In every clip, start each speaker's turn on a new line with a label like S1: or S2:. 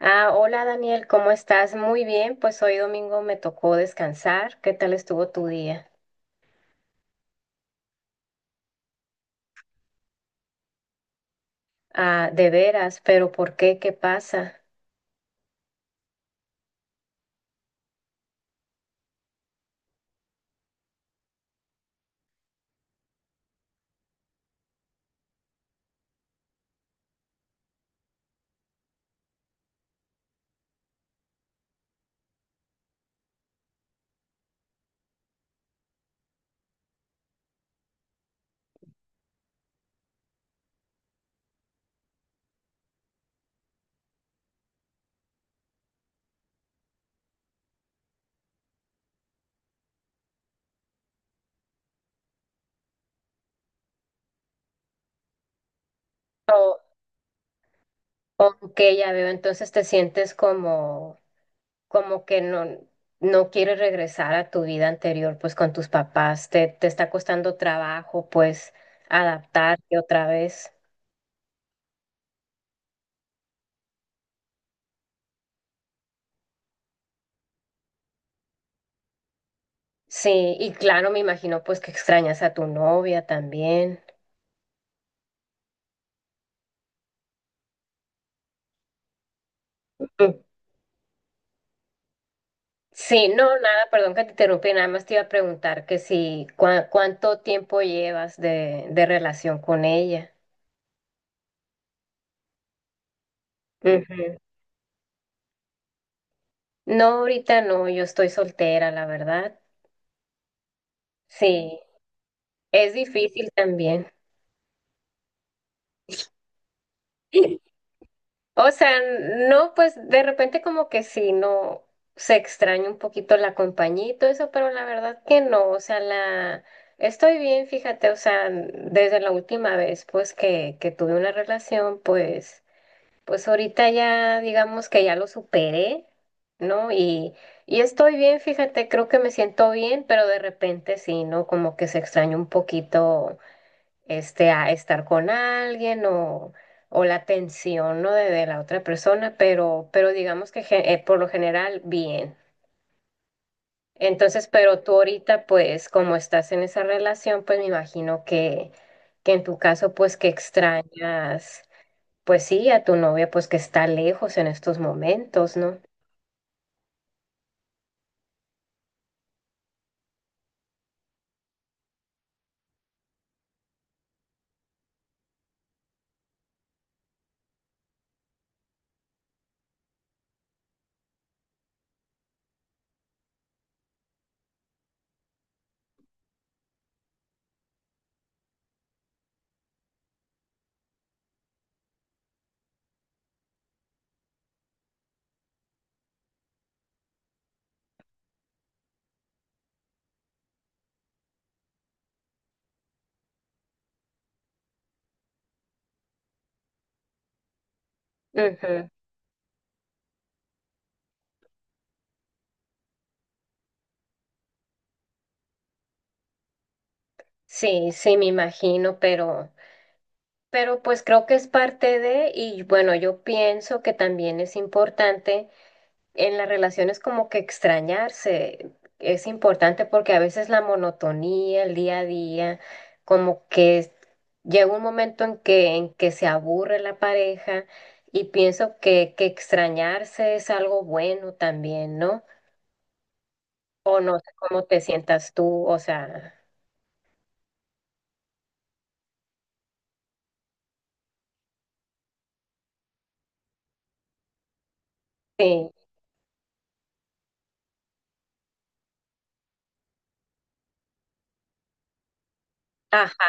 S1: Ah, hola Daniel, ¿cómo estás? Muy bien, pues hoy domingo me tocó descansar. ¿Qué tal estuvo tu día? Ah, de veras, pero ¿por qué? ¿Qué pasa? O, ok, ya veo, entonces te sientes como, como que no, no quieres regresar a tu vida anterior, pues con tus papás, te está costando trabajo, pues adaptarte otra vez. Sí, y claro, me imagino pues que extrañas a tu novia también. Sí, no, nada, perdón que te interrumpí, nada más te iba a preguntar que si cuánto tiempo llevas de relación con ella. Ujú. No, ahorita no, yo estoy soltera, la verdad. Sí, es difícil también. O sea, no, pues de repente como que sí, no se extraña un poquito la compañía y todo eso, pero la verdad que no, o sea, la estoy bien, fíjate, o sea, desde la última vez pues que tuve una relación, pues pues ahorita ya digamos que ya lo superé, ¿no? Y estoy bien, fíjate, creo que me siento bien, pero de repente sí, ¿no? Como que se extraña un poquito este a estar con alguien o la atención, ¿no? De la otra persona, pero digamos que por lo general bien. Entonces, pero tú ahorita, pues, como estás en esa relación, pues me imagino que en tu caso, pues, que extrañas. Pues sí, a tu novia, pues que está lejos en estos momentos, ¿no? Ujú. Sí, sí, me imagino, pero pues creo que es parte de, y bueno, yo pienso que también es importante en las relaciones como que extrañarse, es importante porque a veces la monotonía, el día a día, como que llega un momento en que se aburre la pareja y pienso que extrañarse es algo bueno también, ¿no? O no sé cómo te sientas tú, o sea, sí, ajá.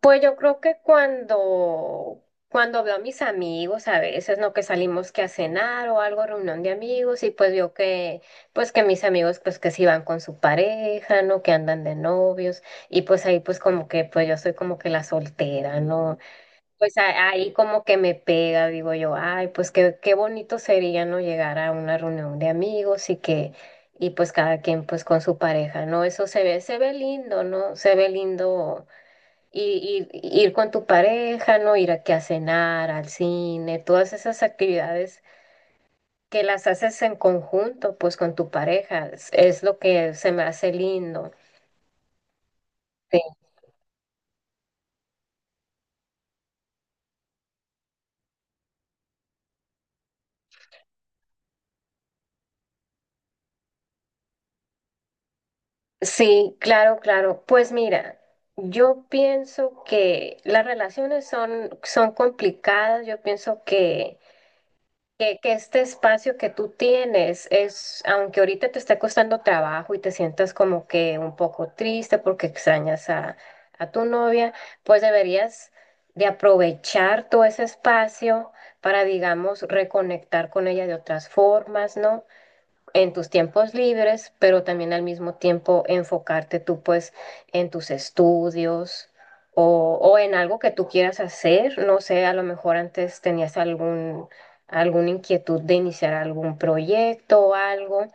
S1: Pues yo creo que cuando, cuando veo a mis amigos, a veces, ¿no? Que salimos que a cenar o algo, reunión de amigos, y pues veo que, pues que mis amigos, pues que sí van con su pareja, ¿no? Que andan de novios, y pues ahí pues como que, pues yo soy como que la soltera, ¿no? Pues ahí como que me pega, digo yo, ay, pues qué, qué bonito sería, ¿no? Llegar a una reunión de amigos y que, y pues cada quien pues con su pareja, ¿no? Eso se ve lindo, ¿no? Se ve lindo ir, ir con tu pareja, ¿no? Ir aquí a cenar, al cine, todas esas actividades que las haces en conjunto, pues con tu pareja, es lo que se me hace lindo. Sí, claro, claro. Pues mira, yo pienso que las relaciones son, son complicadas. Yo pienso que este espacio que tú tienes es, aunque ahorita te está costando trabajo y te sientas como que un poco triste porque extrañas a tu novia, pues deberías de aprovechar todo ese espacio para, digamos, reconectar con ella de otras formas, ¿no? En tus tiempos libres, pero también al mismo tiempo enfocarte tú pues en tus estudios o en algo que tú quieras hacer. No sé, a lo mejor antes tenías algún, alguna inquietud de iniciar algún proyecto o algo.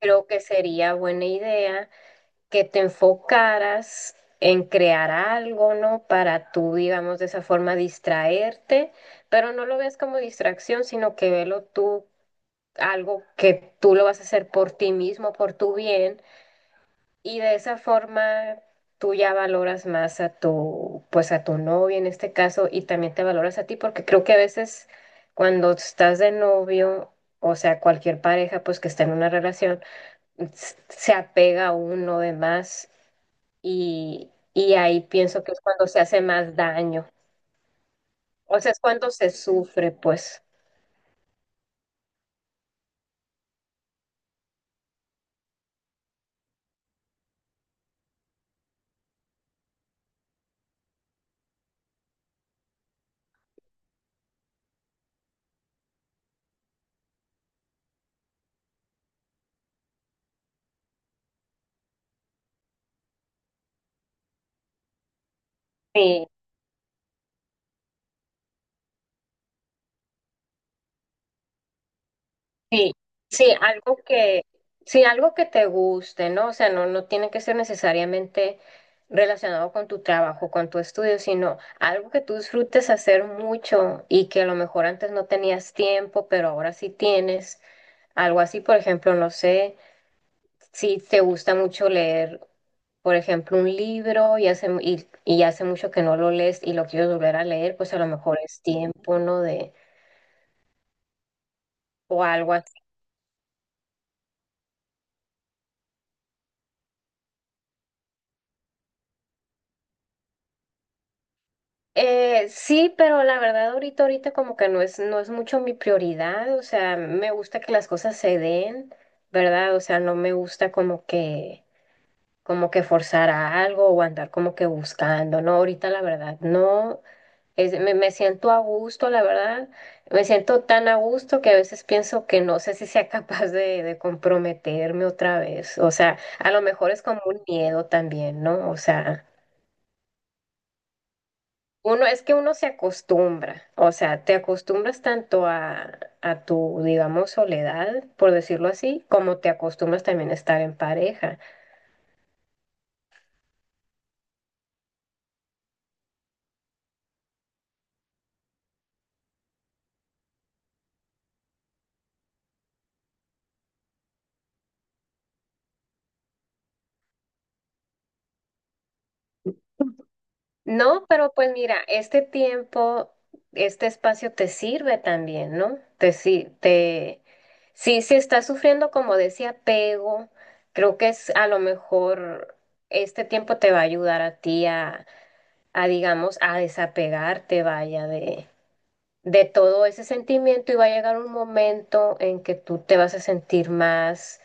S1: Creo que sería buena idea que te enfocaras en crear algo, ¿no? Para tú, digamos, de esa forma distraerte, pero no lo veas como distracción, sino que velo tú algo que tú lo vas a hacer por ti mismo, por tu bien, y de esa forma tú ya valoras más a tu, pues a tu novio en este caso, y también te valoras a ti, porque creo que a veces cuando estás de novio, o sea, cualquier pareja pues que está en una relación, se apega a uno de más y ahí pienso que es cuando se hace más daño, o sea, es cuando se sufre, pues. Sí. Sí, sí, algo que, sí, algo que te guste, ¿no? O sea, no, no tiene que ser necesariamente relacionado con tu trabajo, con tu estudio, sino algo que tú disfrutes hacer mucho y que a lo mejor antes no tenías tiempo, pero ahora sí tienes. Algo así, por ejemplo, no sé, si te gusta mucho leer, por ejemplo, un libro y y hace mucho que no lo lees y lo quieres volver a leer, pues a lo mejor es tiempo, ¿no? De, o algo. Sí, pero la verdad ahorita, ahorita como que no es, no es mucho mi prioridad, o sea, me gusta que las cosas se den, ¿verdad? O sea, no me gusta como que forzar a algo o andar como que buscando, ¿no? Ahorita la verdad, no, es, me siento a gusto, la verdad, me siento tan a gusto que a veces pienso que no sé si sea capaz de comprometerme otra vez, o sea, a lo mejor es como un miedo también, ¿no? O sea... Uno, es que uno se acostumbra, o sea, te acostumbras tanto a tu, digamos, soledad, por decirlo así, como te acostumbras también a estar en pareja. No, pero pues mira, este tiempo, este espacio te sirve también, ¿no? Te, si- te, sí, si estás sufriendo como de ese apego, creo que es a lo mejor este tiempo te va a ayudar a ti a digamos, a desapegarte, vaya, de todo ese sentimiento y va a llegar un momento en que tú te vas a sentir más,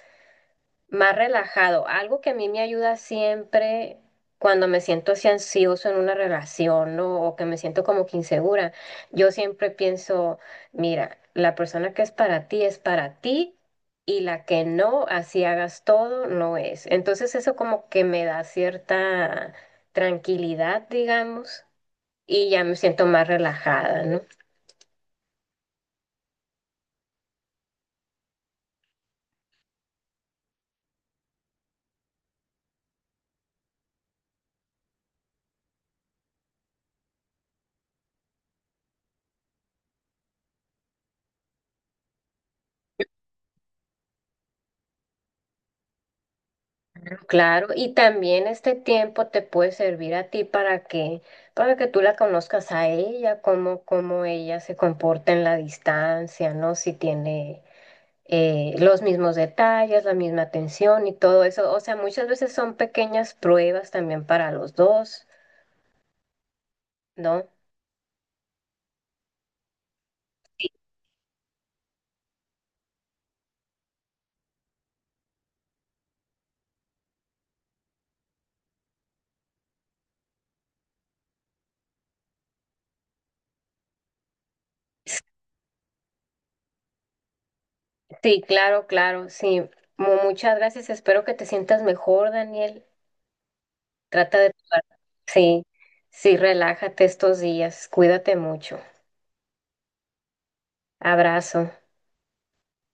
S1: más relajado. Algo que a mí me ayuda siempre cuando me siento así ansioso en una relación, ¿no? O que me siento como que insegura. Yo siempre pienso, mira, la persona que es para ti es para ti. Y la que no, así hagas todo, no es. Entonces eso como que me da cierta tranquilidad, digamos, y ya me siento más relajada, ¿no? Claro, y también este tiempo te puede servir a ti para que tú la conozcas a ella, cómo, cómo ella se comporta en la distancia, ¿no? Si tiene los mismos detalles, la misma atención y todo eso. O sea, muchas veces son pequeñas pruebas también para los dos, ¿no? Sí, claro, claro, sí. Muchas gracias. Espero que te sientas mejor, Daniel. Trata de... Sí, sí, relájate estos días. Cuídate mucho. Abrazo.